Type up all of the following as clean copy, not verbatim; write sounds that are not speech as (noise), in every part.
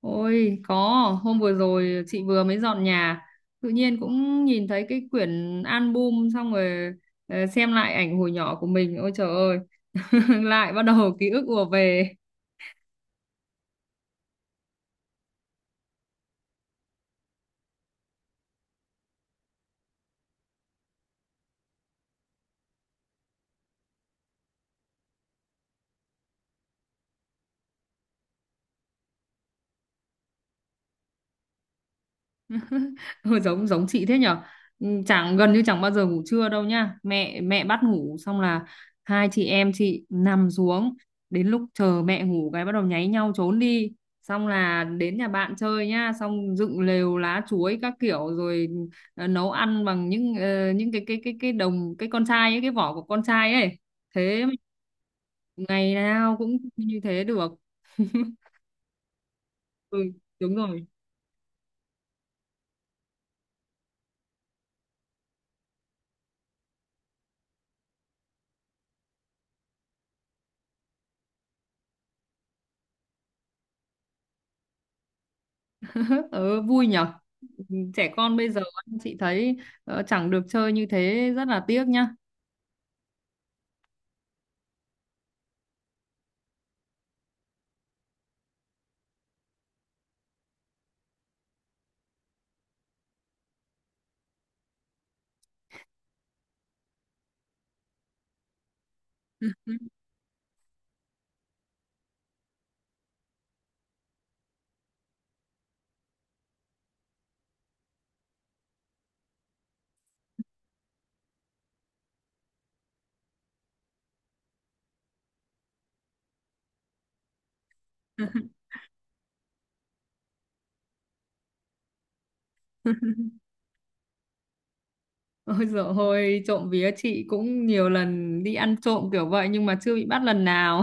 Ôi có, hôm vừa rồi chị vừa mới dọn nhà, tự nhiên cũng nhìn thấy cái quyển album. Xong rồi xem lại ảnh hồi nhỏ của mình, ôi trời ơi, (laughs) lại bắt đầu ký ức ùa về. (laughs) Hơi giống giống chị thế nhở. Ừ, chẳng gần như chẳng bao giờ ngủ trưa đâu nha, mẹ mẹ bắt ngủ xong là hai chị em chị nằm xuống, đến lúc chờ mẹ ngủ cái bắt đầu nháy nhau trốn đi, xong là đến nhà bạn chơi nhá, xong dựng lều lá chuối các kiểu rồi, nấu ăn bằng những cái con trai ấy, cái vỏ của con trai ấy, thế mà ngày nào cũng như thế được. Ừ, đúng rồi. (laughs) Ừ, vui nhở. Trẻ con bây giờ chị thấy chẳng được chơi như thế, rất là tiếc nhá. (laughs) Ôi dồi ôi, trộm vía chị cũng nhiều lần đi ăn trộm kiểu vậy nhưng mà chưa bị bắt lần nào.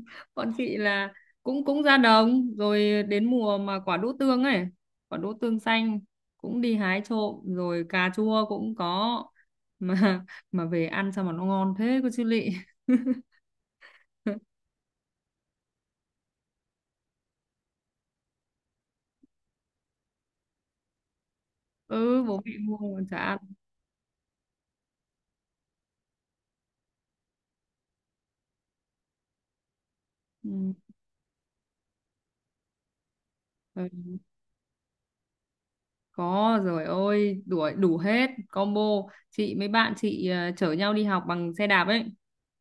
(laughs) Bọn chị là cũng cũng ra đồng, rồi đến mùa mà quả đỗ tương ấy, quả đỗ tương xanh cũng đi hái trộm, rồi cà chua cũng có, (laughs) mà mà về ăn sao mà nó ngon thế cô chú lị. (laughs) Ừ, bố mẹ mua mà chả ăn. Ừ. Ừ. Có rồi, ôi đủ đủ hết combo. Chị mấy bạn chị chở nhau đi học bằng xe đạp ấy,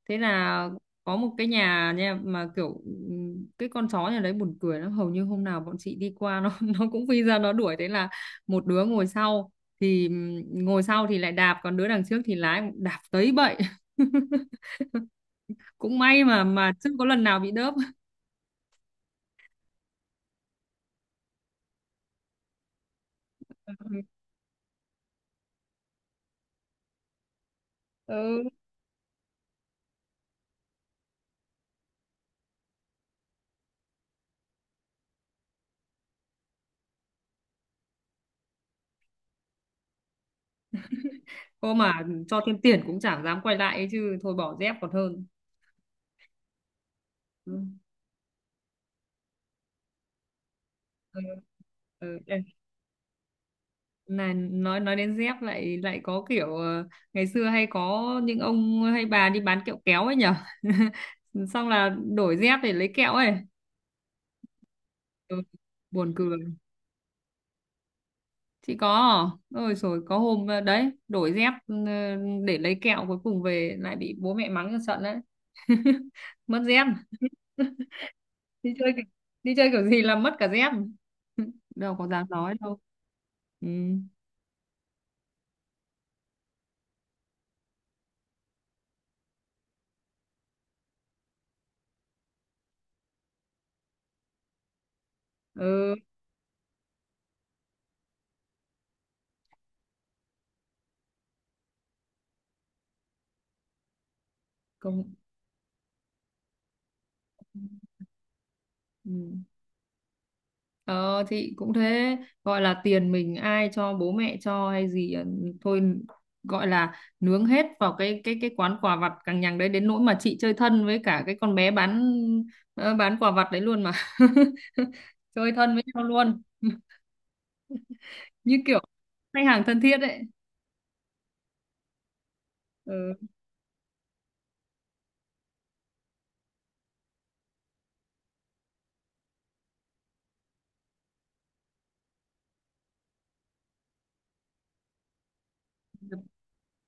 thế là có một cái nhà nha, mà kiểu cái con chó nhà đấy buồn cười lắm, hầu như hôm nào bọn chị đi qua nó (laughs) nó cũng phi ra nó đuổi, thế là một đứa ngồi sau thì lại đạp, còn đứa đằng trước thì lái đạp tới bậy. (laughs) Cũng may mà chưa có lần nào bị đớp. (laughs) Ừ. Cô mà cho thêm tiền cũng chẳng dám quay lại ấy chứ, thôi bỏ dép còn hơn. Ừ. Ừ. Ừ. Này, nói đến dép lại lại có kiểu, ngày xưa hay có những ông hay bà đi bán kẹo kéo ấy nhở. (laughs) Xong là đổi dép để lấy kẹo ấy. Ừ. Buồn cười. Chị có à? Ôi rồi, có hôm đấy đổi dép, để lấy kẹo, cuối cùng về lại bị bố mẹ mắng cho trận đấy. (laughs) Mất dép, đi chơi kiểu- đi chơi kiểu gì là mất cả dép. (laughs) Đâu có dám nói đâu. Ừ, ừ, công ừ. Ờ thì cũng thế, gọi là tiền mình ai cho, bố mẹ cho hay gì, thôi gọi là nướng hết vào cái quán quà vặt cằng nhằng đấy, đến nỗi mà chị chơi thân với cả cái con bé bán, bán quà vặt đấy luôn mà. (laughs) Chơi thân với nhau luôn. (laughs) Như kiểu khách hàng thân thiết đấy. Ừ.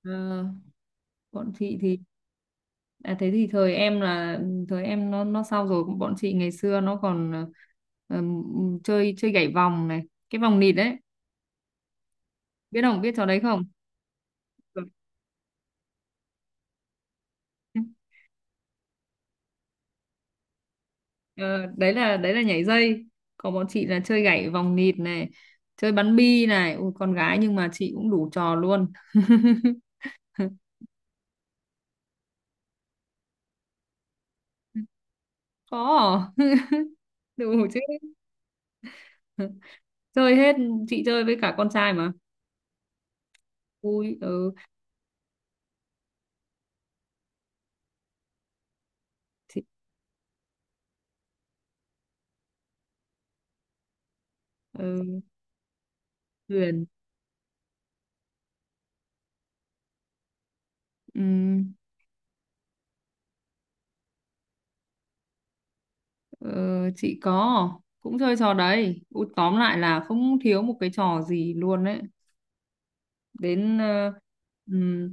Ờ, bọn chị thì à, thế thì thời em nó sao rồi, bọn chị ngày xưa nó còn chơi chơi gảy vòng này, cái vòng nịt đấy. Biết không? Biết trò đấy không? Rồi. Ờ, đấy là nhảy dây, còn bọn chị là chơi gảy vòng nhịp này, chơi bắn bi này. Ui, con gái nhưng mà chị cũng đủ trò luôn. (laughs) Có à? (laughs) Đủ chứ, chơi hết, chị chơi với cả con trai mà, vui. Ừ. chị ừ, Huyền, ừm, ờ, chị có, cũng chơi trò đấy. Ui, tóm lại là không thiếu một cái trò gì luôn đấy, đến ờ, ừm,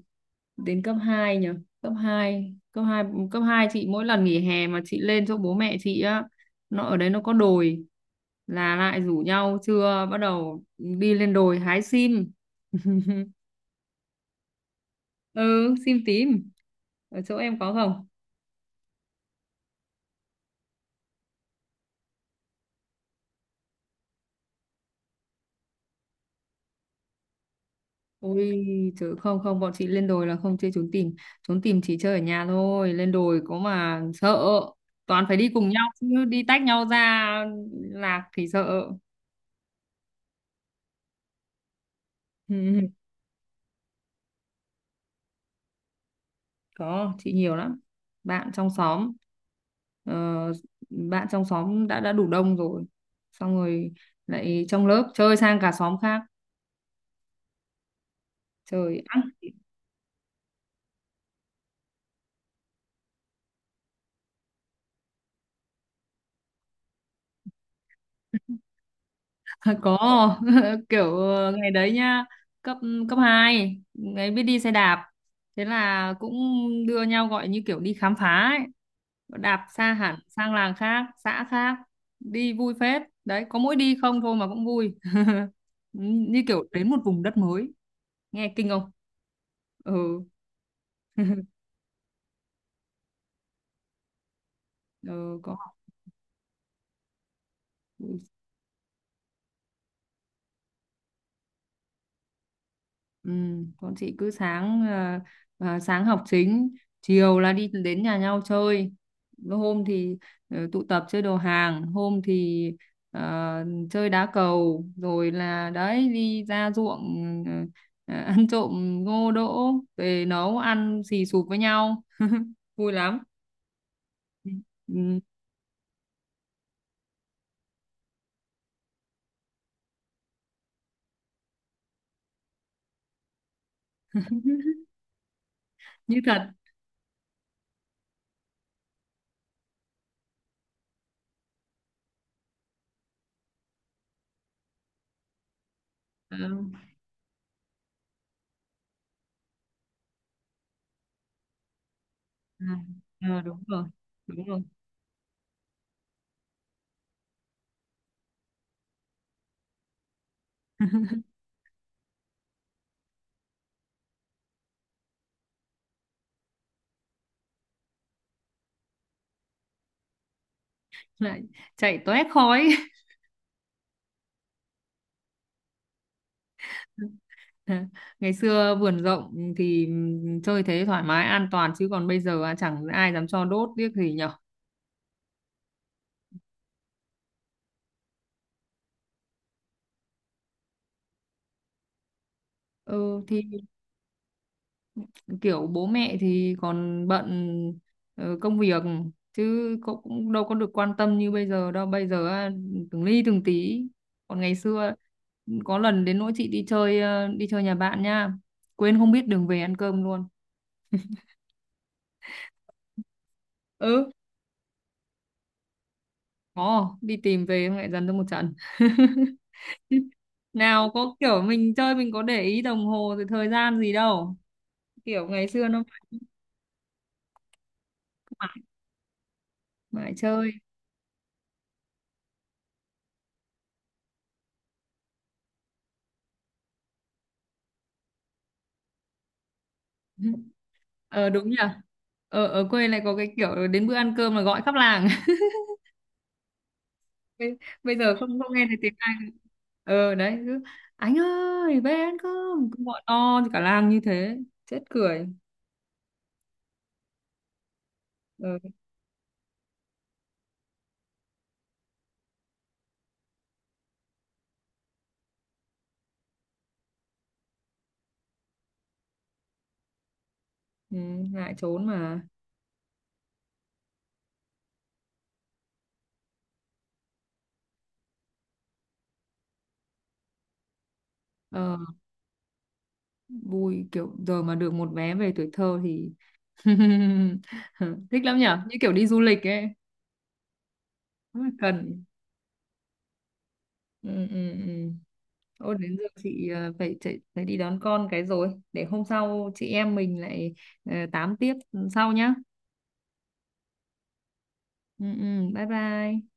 đến cấp 2 nhỉ, cấp 2 cấp 2 cấp 2 chị mỗi lần nghỉ hè mà chị lên chỗ bố mẹ chị á, nó ở đấy nó có đồi, là lại rủ nhau trưa bắt đầu đi lên đồi hái sim. (laughs) Ừ, sim tím. Ở chỗ em có không? Ôi chứ không, không, bọn chị lên đồi là không chơi trốn tìm, trốn tìm chỉ chơi ở nhà thôi, lên đồi có mà sợ, toàn phải đi cùng nhau chứ đi tách nhau ra lạc thì sợ. (laughs) Có, chị nhiều lắm, bạn trong xóm ờ, bạn trong xóm đã đủ đông rồi, xong rồi lại trong lớp chơi sang cả xóm khác. Trời ác. (laughs) Có. (laughs) Kiểu ngày đấy nhá, cấp cấp 2 ngày biết đi xe đạp, thế là cũng đưa nhau gọi như kiểu đi khám phá ấy, đạp xa hẳn sang làng khác xã khác. Đi vui phết đấy, có mỗi đi không thôi mà cũng vui, (laughs) như kiểu đến một vùng đất mới, nghe kinh không. Ừ. Ừ, có học. Ừ, con chị cứ sáng học chính, chiều là đi đến nhà nhau chơi, hôm thì tụ tập chơi đồ hàng, hôm thì ờ, chơi đá cầu, rồi là đấy đi ra ruộng, (laughs) ăn trộm ngô đỗ, về nấu ăn xì xụp với nhau, (laughs) vui lắm. Ừ. (laughs) Như thật. Ờ, à, Đúng rồi, đúng rồi, lại chạy toét khói. (laughs) Ngày xưa vườn rộng thì chơi thế thoải mái an toàn, chứ còn bây giờ chẳng ai dám cho đốt tiếc gì nhở. Ừ thì kiểu bố mẹ thì còn bận công việc, chứ cũng cũng đâu có được quan tâm như bây giờ đâu, bây giờ từng ly từng tí, còn ngày xưa có lần đến nỗi chị đi chơi nhà bạn nha, quên không biết đường về ăn cơm luôn. Ừ, có đi tìm, về xong lại dần cho một trận. (laughs) Nào có kiểu mình chơi mình có để ý đồng hồ rồi thời gian gì đâu, kiểu ngày xưa nó mãi mãi chơi. (laughs) Ờ đúng nhỉ, ở ở quê lại có cái kiểu đến bữa ăn cơm là gọi khắp làng. (laughs) bây, bây giờ không không nghe thấy tiếng ai. Ờ đấy, cứ anh ơi về ăn cơm, cứ gọi to thì cả làng như thế, chết cười. ờ, ừ, ngại trốn mà. ờ, Vui, kiểu giờ mà được một vé về tuổi thơ thì, (laughs) thích lắm nhở, như kiểu đi du lịch ấy. Rất là cần. Ừ. Ừ. Ừ. Ô, đến giờ chị phải chạy, phải đi đón con cái rồi, để hôm sau chị em mình lại tám tiếp sau nhá. Ừ. Ừ. Bye bye.